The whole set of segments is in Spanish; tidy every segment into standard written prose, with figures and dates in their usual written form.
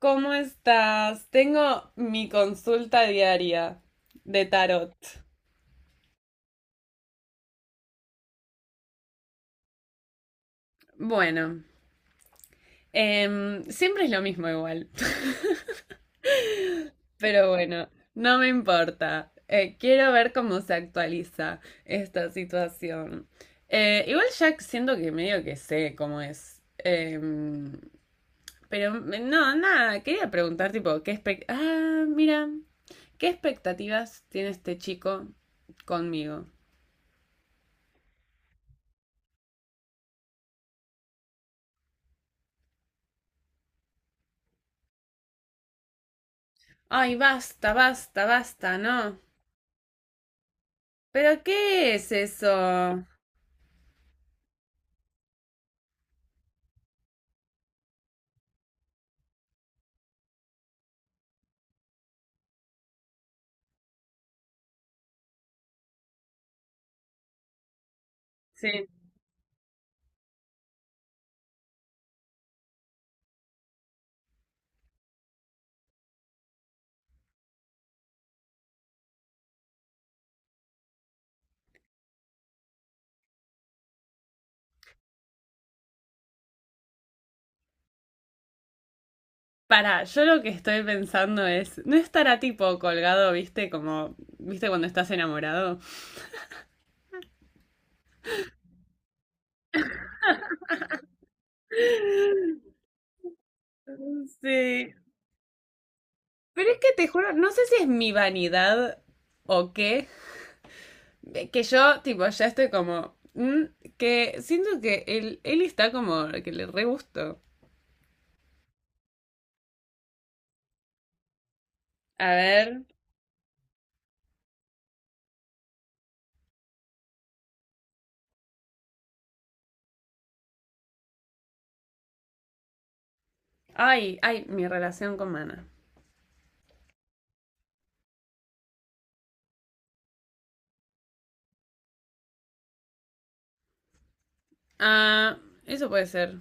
¿Cómo estás? Tengo mi consulta diaria de tarot. Bueno, siempre es lo mismo igual. Pero bueno, no me importa. Quiero ver cómo se actualiza esta situación. Igual ya siento que medio que sé cómo es. Pero no, nada, quería preguntar tipo, ah, mira, ¿qué expectativas tiene este chico conmigo? Ay, basta, basta, basta, ¿no? ¿Pero qué es eso? Sí. Para, yo lo que estoy pensando es, ¿no estará tipo colgado, viste, como, viste cuando estás enamorado? Sí. Pero es que te juro, no sé si es mi vanidad o qué, que yo tipo ya estoy como, que siento que él está como, que le re gusto. A ver. Ay, ay, mi relación con Mana. Ah, eso puede ser.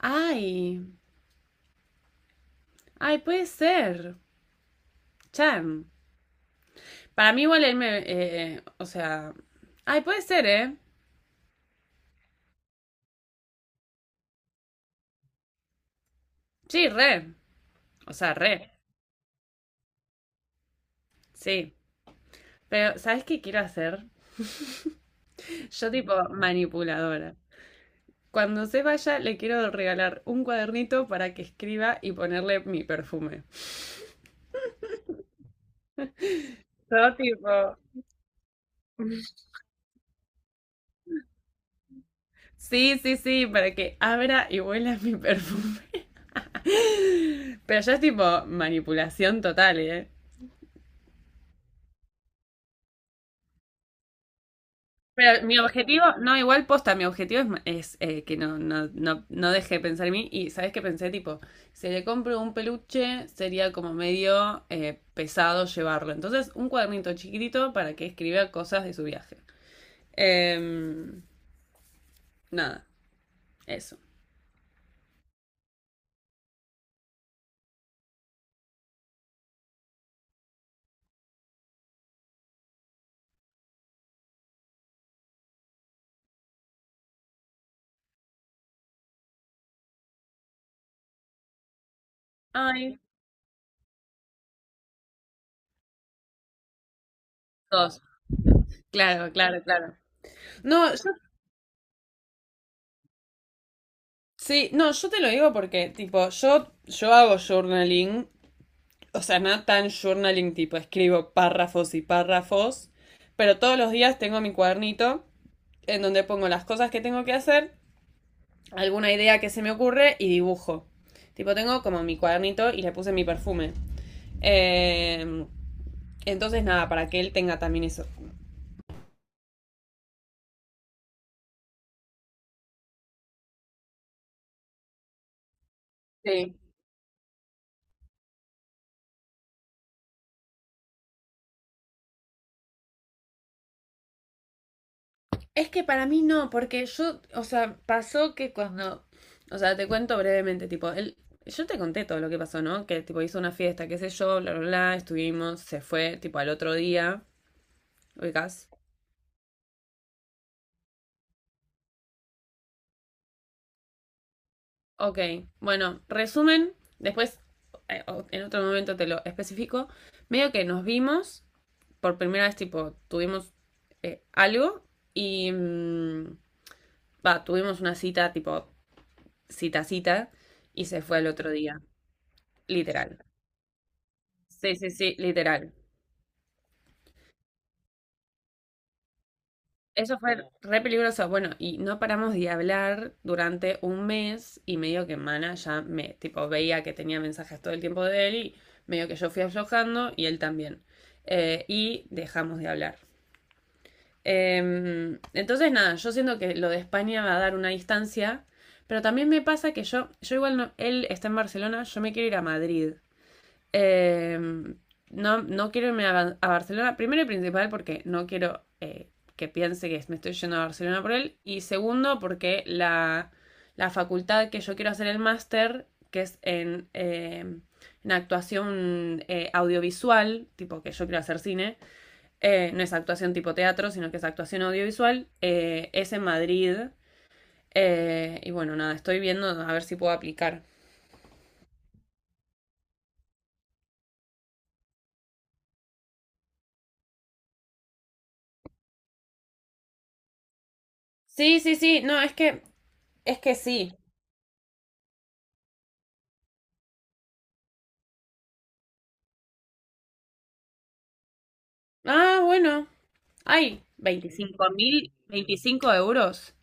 Ay, ay, puede ser. Chan. Para mí igual él o sea, ay, puede ser, ¿eh? Sí, re. O sea, re. Sí. Pero, ¿sabes qué quiero hacer? Yo tipo manipuladora. Cuando se vaya, le quiero regalar un cuadernito para que escriba y ponerle mi perfume. Yo tipo. Sí, sí, sí, para que abra y huela mi perfume. Pero ya es tipo manipulación total, ¿eh? Pero mi objetivo, no, igual posta, mi objetivo es, que no deje de pensar en mí. Y sabes que pensé, tipo, si le compro un peluche, sería como medio pesado llevarlo. Entonces, un cuadernito chiquitito para que escriba cosas de su viaje. Em, Nada, eso. Ay, dos. Claro, claro, claro. No, yo, sí, no, yo te lo digo porque, tipo, yo hago journaling, o sea, nada tan journaling tipo, escribo párrafos y párrafos, pero todos los días tengo mi cuadernito en donde pongo las cosas que tengo que hacer, alguna idea que se me ocurre y dibujo. Tipo, tengo como mi cuadernito y le puse mi perfume. Eh, entonces, nada, para que él tenga también eso. Sí. Es que para mí no, porque yo, o sea, pasó que cuando, o sea, te cuento brevemente, tipo, él, yo te conté todo lo que pasó, ¿no? Que tipo hizo una fiesta, qué sé yo, bla, bla, bla, estuvimos, se fue, tipo, al otro día, ubicás. Ok, bueno, resumen, después, en otro momento te lo especifico, medio que nos vimos, por primera vez, tipo, tuvimos algo y, va, tuvimos una cita, tipo, cita, cita, y se fue al otro día, literal. Sí, sí, sí, literal. Eso fue re peligroso. Bueno, y no paramos de hablar durante un mes y medio, que Mana ya me, tipo, veía que tenía mensajes todo el tiempo de él y medio que yo fui aflojando y él también. Y dejamos de hablar. Entonces, nada, yo siento que lo de España va a dar una distancia, pero también me pasa que yo igual no, él está en Barcelona, yo me quiero ir a Madrid. Eh, no, no quiero irme a Barcelona, primero y principal porque no quiero que piense que me estoy yendo a Barcelona por él, y segundo porque la facultad que yo quiero hacer el máster, que es en actuación audiovisual, tipo que yo quiero hacer cine, no es actuación tipo teatro, sino que es actuación audiovisual, es en Madrid, y bueno, nada, estoy viendo a ver si puedo aplicar. Sí, sí, sí, no, es que sí. Ah, bueno. Ay, 25.000, 25 euros.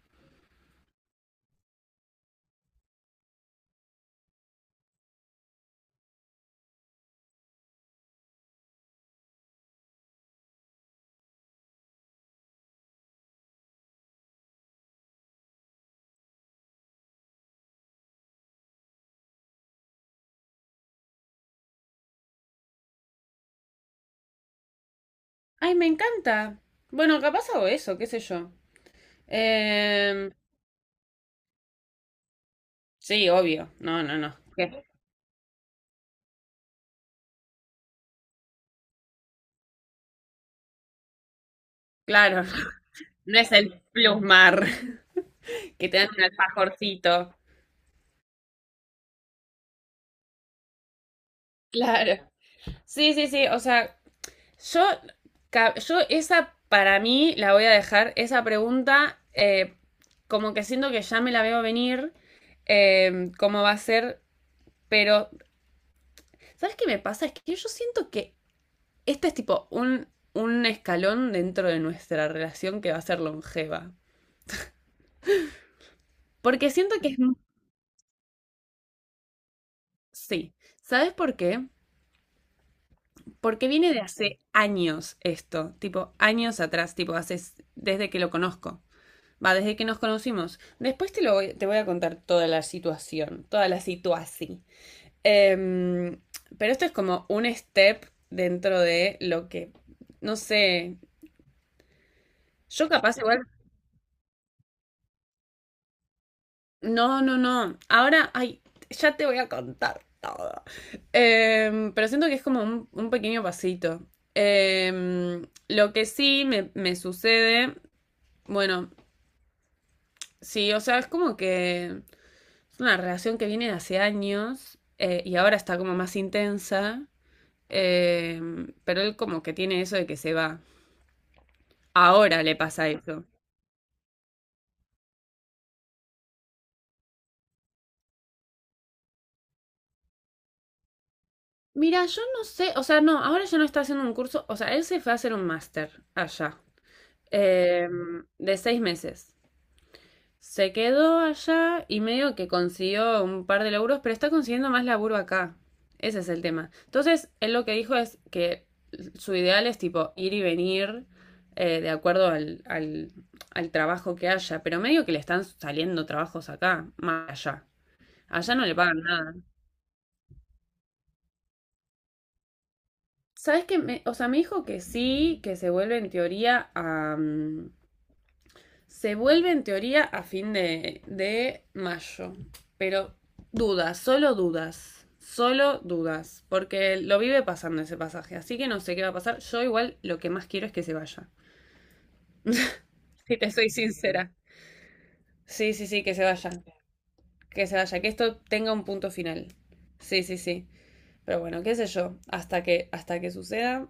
Ay, me encanta. Bueno, capaz hago eso, qué sé yo. Em, sí, obvio. No, no, no. ¿Qué? Claro, no es el plusmar que te dan un alfajorcito. Claro. Sí, sí, sí. O sea, yo, yo esa para mí la voy a dejar, esa pregunta, como que siento que ya me la veo venir, cómo va a ser, pero ¿sabes qué me pasa? Es que yo siento que este es tipo un escalón dentro de nuestra relación que va a ser longeva. Porque siento que es. Sí. ¿Sabes por qué? Porque viene de hace años esto, tipo años atrás, tipo desde que lo conozco. Va, desde que nos conocimos. Después te voy a contar toda la situación, toda la situación. Em, pero esto es como un step dentro de lo que, no sé, yo capaz igual. No, no, no. Ahora, ay, ya te voy a contar todo. Pero siento que es como un pequeño pasito. Lo que sí me sucede, bueno, sí, o sea, es como que es una relación que viene de hace años, y ahora está como más intensa, pero él como que tiene eso de que se va. Ahora le pasa eso. Mira, yo no sé, o sea, no, ahora ya no está haciendo un curso, o sea, él se fue a hacer un máster allá. Eh, de 6 meses. Se quedó allá y medio que consiguió un par de laburos, pero está consiguiendo más laburo acá. Ese es el tema. Entonces, él lo que dijo es que su ideal es tipo ir y venir, de acuerdo al trabajo que haya, pero medio que le están saliendo trabajos acá, más allá. Allá no le pagan nada. ¿Sabes qué? O sea, me dijo que sí, que se vuelve en teoría se vuelve en teoría a fin de mayo, pero dudas, solo dudas, solo dudas, porque lo vive pasando ese pasaje, así que no sé qué va a pasar. Yo igual lo que más quiero es que se vaya, si te soy sincera. Sí, sí, sí, que se vaya, que se vaya, que esto tenga un punto final. Sí, sí, sí. Pero bueno, qué sé yo, hasta que suceda,